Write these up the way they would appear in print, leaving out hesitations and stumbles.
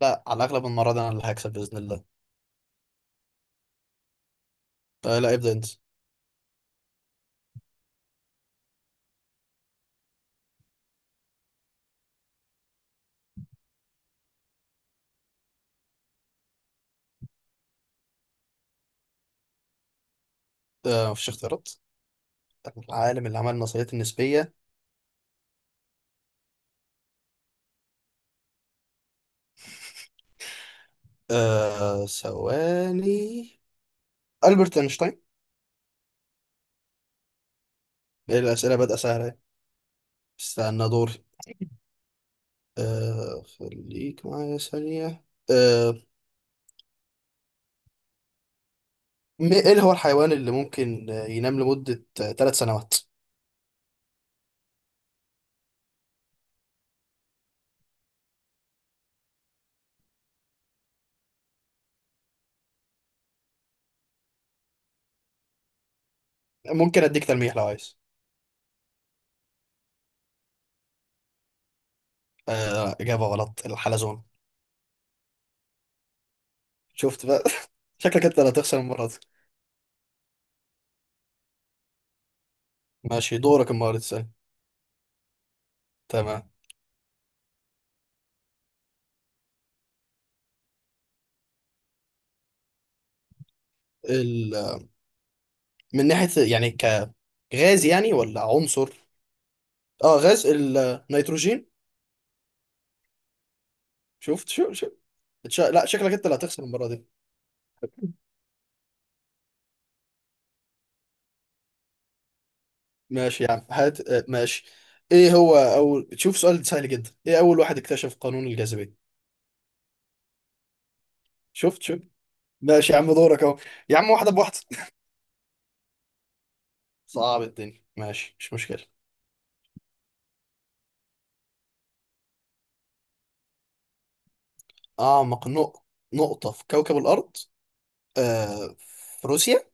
لا، على الاغلب المره دي انا اللي هكسب باذن الله. لا، ابدا انت. آه، مفيش اختيارات. العالم اللي عمل النظريات النسبيه. ثواني. البرت اينشتاين. إيه، الاسئله بدأ سهله أهي. استنى دوري. خليك معايا ثانيه. آه ايه هو الحيوان اللي ممكن ينام لمده 3 سنوات؟ ممكن اديك تلميح لو عايز. اجابه غلط. الحلزون. شفت بقى. شكلك انت اللي هتخسر المره دي. ماشي، دورك المره دي تسأل. تمام. ال... من ناحية يعني غاز يعني ولا عنصر؟ اه، غاز النيتروجين. شفت، شو شو. لا، شكلك انت اللي هتخسر المره دي. ماشي يا عم، هات. ماشي. ايه هو اول شوف سؤال سهل جدا. ايه اول واحد اكتشف قانون الجاذبيه؟ شفت، شوف. ماشي يا عم، دورك اهو. يا عم، واحده بواحده. صعب الدنيا ماشي، مش مشكله. اعمق نقطه في كوكب الارض. في روسيا.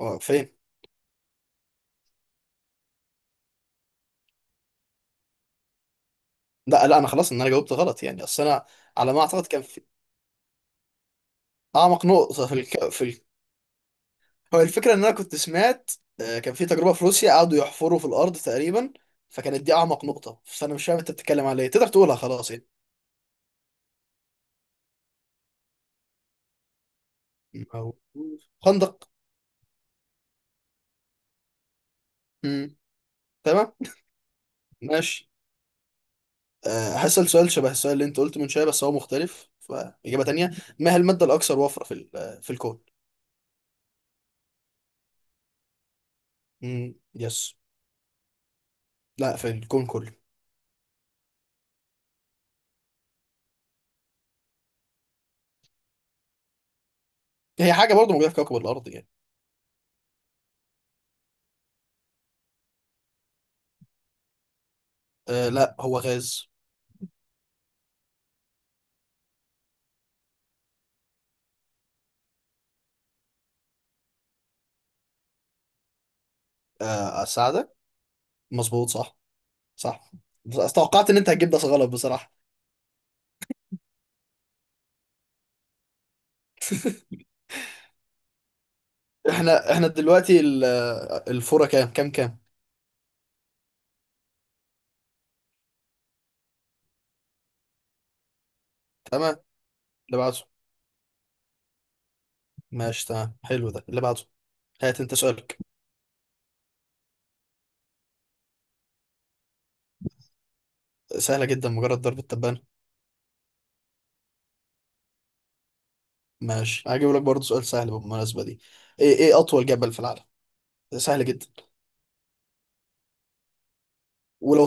فين؟ لا لا، انا خلاص ان انا جاوبت غلط يعني. اصل انا على ما اعتقد كان في اعمق نقطه في هو الفكرة إن أنا كنت سمعت. كان في تجربة في روسيا قعدوا يحفروا في الأرض تقريبا، فكانت دي أعمق نقطة. فأنا مش فاهم أنت بتتكلم على إيه، تقدر تقولها خلاص يعني. أو خندق. مم. تمام. ماشي. هسأل سؤال شبه السؤال اللي أنت قلته من شوية، بس هو مختلف فإجابة تانية. ما هي المادة الأكثر وفرة في ال- آه، في الكون؟ مم. يس. لا، في الكون كله. هي حاجة برضه موجودة في كوكب الأرض يعني. لا، هو غاز. أساعدك. مظبوط، صح. صح. بس توقعت إن أنت هتجيب ده غلط بصراحة. احنا دلوقتي الفورة كام؟ تمام. اللي بعده. ماشي تمام، حلو، ده اللي بعده. هات انت سؤالك. سهلة جدا، مجرد ضرب التبانة. ماشي، هجيب لك برضه سؤال سهل بالمناسبة دي. ايه أطول جبل في العالم؟ سهل جدا. ولو،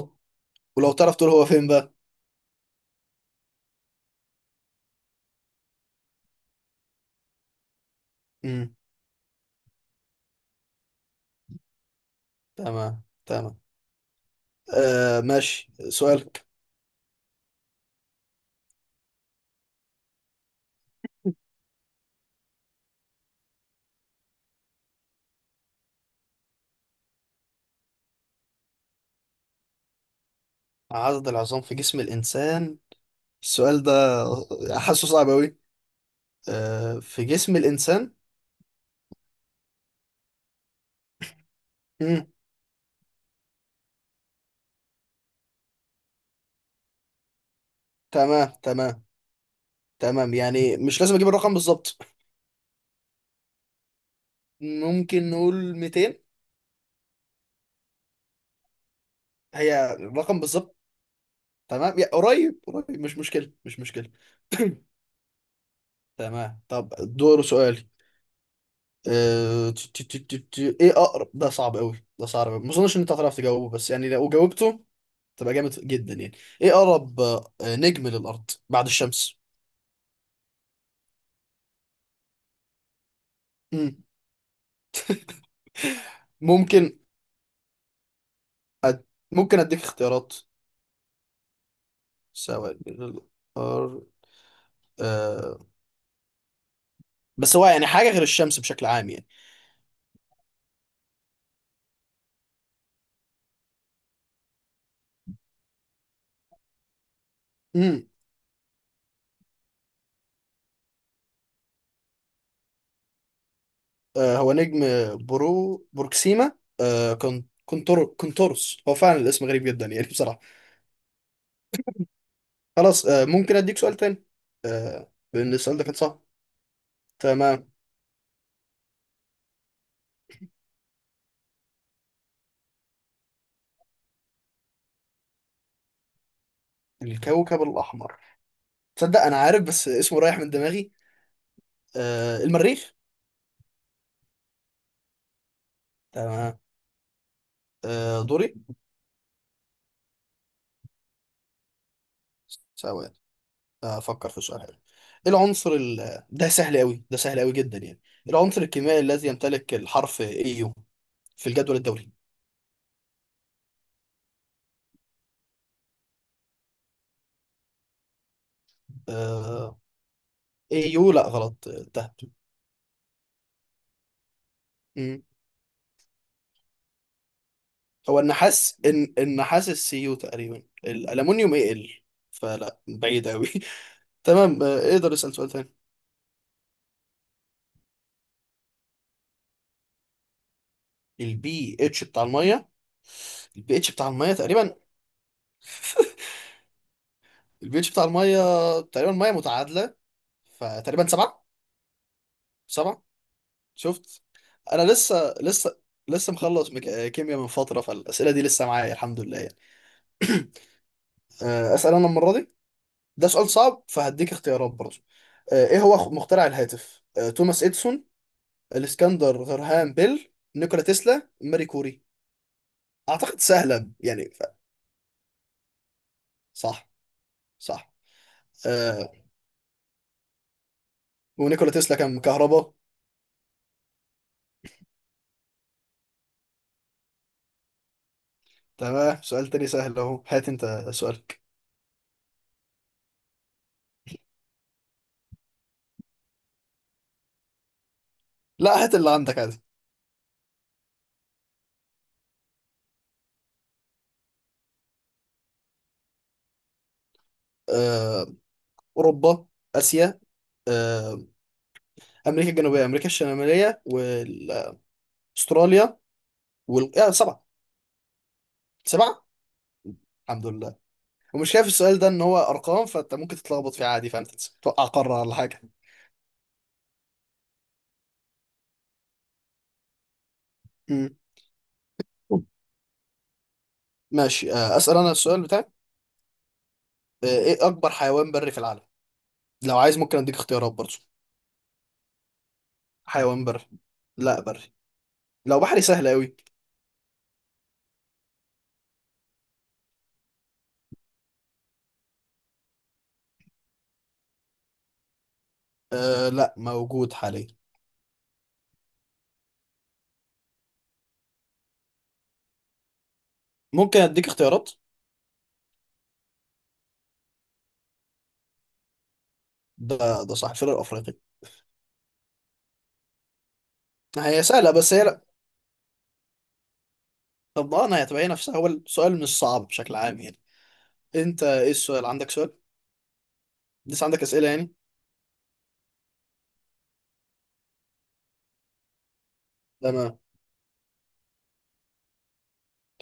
ولو تعرف تقول هو فين بقى. امم. تمام تمام. ماشي، سؤالك. عدد العظام في جسم الإنسان. السؤال ده حاسه صعب أوي. في جسم الإنسان. امم. تمام تمام. تمام، يعني مش لازم أجيب الرقم بالظبط. ممكن نقول 200. هي الرقم بالظبط. تمام، يا قريب قريب، مش مشكلة مش مشكلة. تمام، طب دور سؤالي. أه... ت- ت- ت- ت- ت- ايه اقرب، ده صعب قوي، ده صعب قوي، ما اظنش ان انت هتعرف تجاوبه، بس يعني لو جاوبته تبقى جامد جدا يعني. ايه اقرب نجم للارض بعد الشمس؟ مم. ممكن. أد... ممكن اديك اختيارات، سواء للأرض. أه... بس هو يعني حاجة غير الشمس بشكل عام يعني. هو نجم بروكسيما. كونتورس. هو فعلا الاسم غريب جدا يعني. بصراحة. خلاص، ممكن اديك سؤال تاني. لان السؤال ده كان صعب. تمام. الكوكب الاحمر. تصدق انا عارف بس اسمه رايح من دماغي. المريخ. تمام. دوري. ثواني، افكر في سؤال حلو. ايه العنصر ده سهل قوي، ده سهل قوي جدا يعني. إيه العنصر الكيميائي الذي يمتلك الحرف AU في الجدول الدوري؟ آه، AU لا، غلط. تهت. هو النحاس. إن النحاس السيو تقريبا الألمونيوم يقل. فلا، بعيد أوي. تمام. اقدر اسأل سؤال تاني. البي اتش بتاع المية. البي اتش بتاع المية تقريبا. البي اتش بتاع المية تقريبا مية متعادلة، فتقريبا سبعة. سبعة. شفت. أنا لسه مخلص مك... آه، كيمياء من فترة، فالأسئلة دي لسه معايا الحمد لله يعني. أسأل أنا المرة دي. ده سؤال صعب فهديك اختيارات برضه. إيه هو مخترع الهاتف؟ توماس إديسون، الاسكندر غرهام بيل، نيكولا تسلا، ماري كوري. اعتقد سهله يعني ف... صح. صح. آه ونيكولا تسلا كان كهرباء. تمام، سؤال تاني سهل اهو. هات انت سؤالك. لا، هات اللي عندك عادي. آه. اوروبا، اسيا، آه، امريكا الجنوبيه، امريكا الشماليه، واستراليا، وال... آه سبعه. سبعه. الحمد لله. ومش شايف السؤال ده ان هو ارقام، فانت ممكن تتلخبط فيه عادي. فانت توقع قاره ولا حاجه. مم. ماشي، اسال انا السؤال بتاعي. ايه اكبر حيوان بري في العالم؟ لو عايز ممكن اديك اختيارات برضه. حيوان بري. لا، بري. لو بحري سهل قوي. أه، لا، موجود حاليا. ممكن اديك اختيارات. ده ده صح، الفيلر الافريقي. هي سهله، بس هي لا. طب ما انا هتبين نفسها، هو السؤال مش صعب بشكل عام يعني. انت ايه السؤال عندك؟ سؤال لسه عندك اسئله يعني. تمام.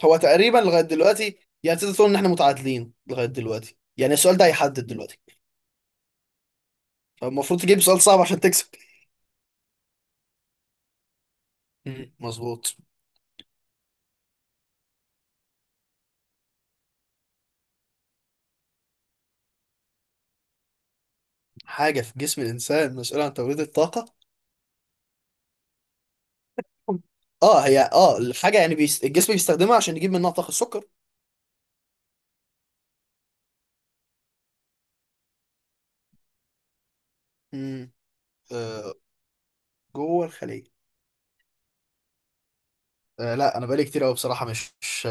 هو تقريبا لغايه دلوقتي يعني تقدر تقول ان احنا متعادلين لغايه دلوقتي يعني. السؤال ده هيحدد دلوقتي. فالمفروض تجيب سؤال صعب عشان تكسب. مم، مظبوط. حاجة في جسم الإنسان مسؤولة عن توليد الطاقة. اه، هي الحاجه، يعني الجسم بيستخدمها عشان يجيب منها طاقه، السكر. امم. آه جوه الخليه. لا، انا بقالي كتير قوي بصراحه،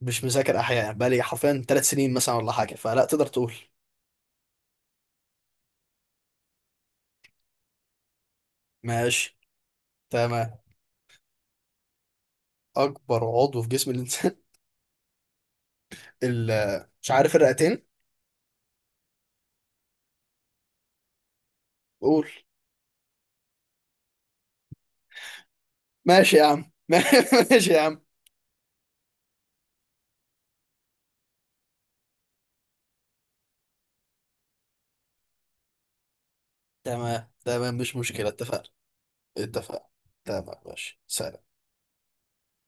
مش مذاكر احياء يعني. بقالي حرفيا 3 سنين مثلا ولا حاجه، فلا تقدر تقول. ماشي تمام. اكبر عضو في جسم الانسان. مش عارف، الرئتين. قول. ماشي يا عم. ماشي يا عم. تمام تمام، مش مشكله، اتفقنا. اتفقنا. تمام، ماشي، سلام.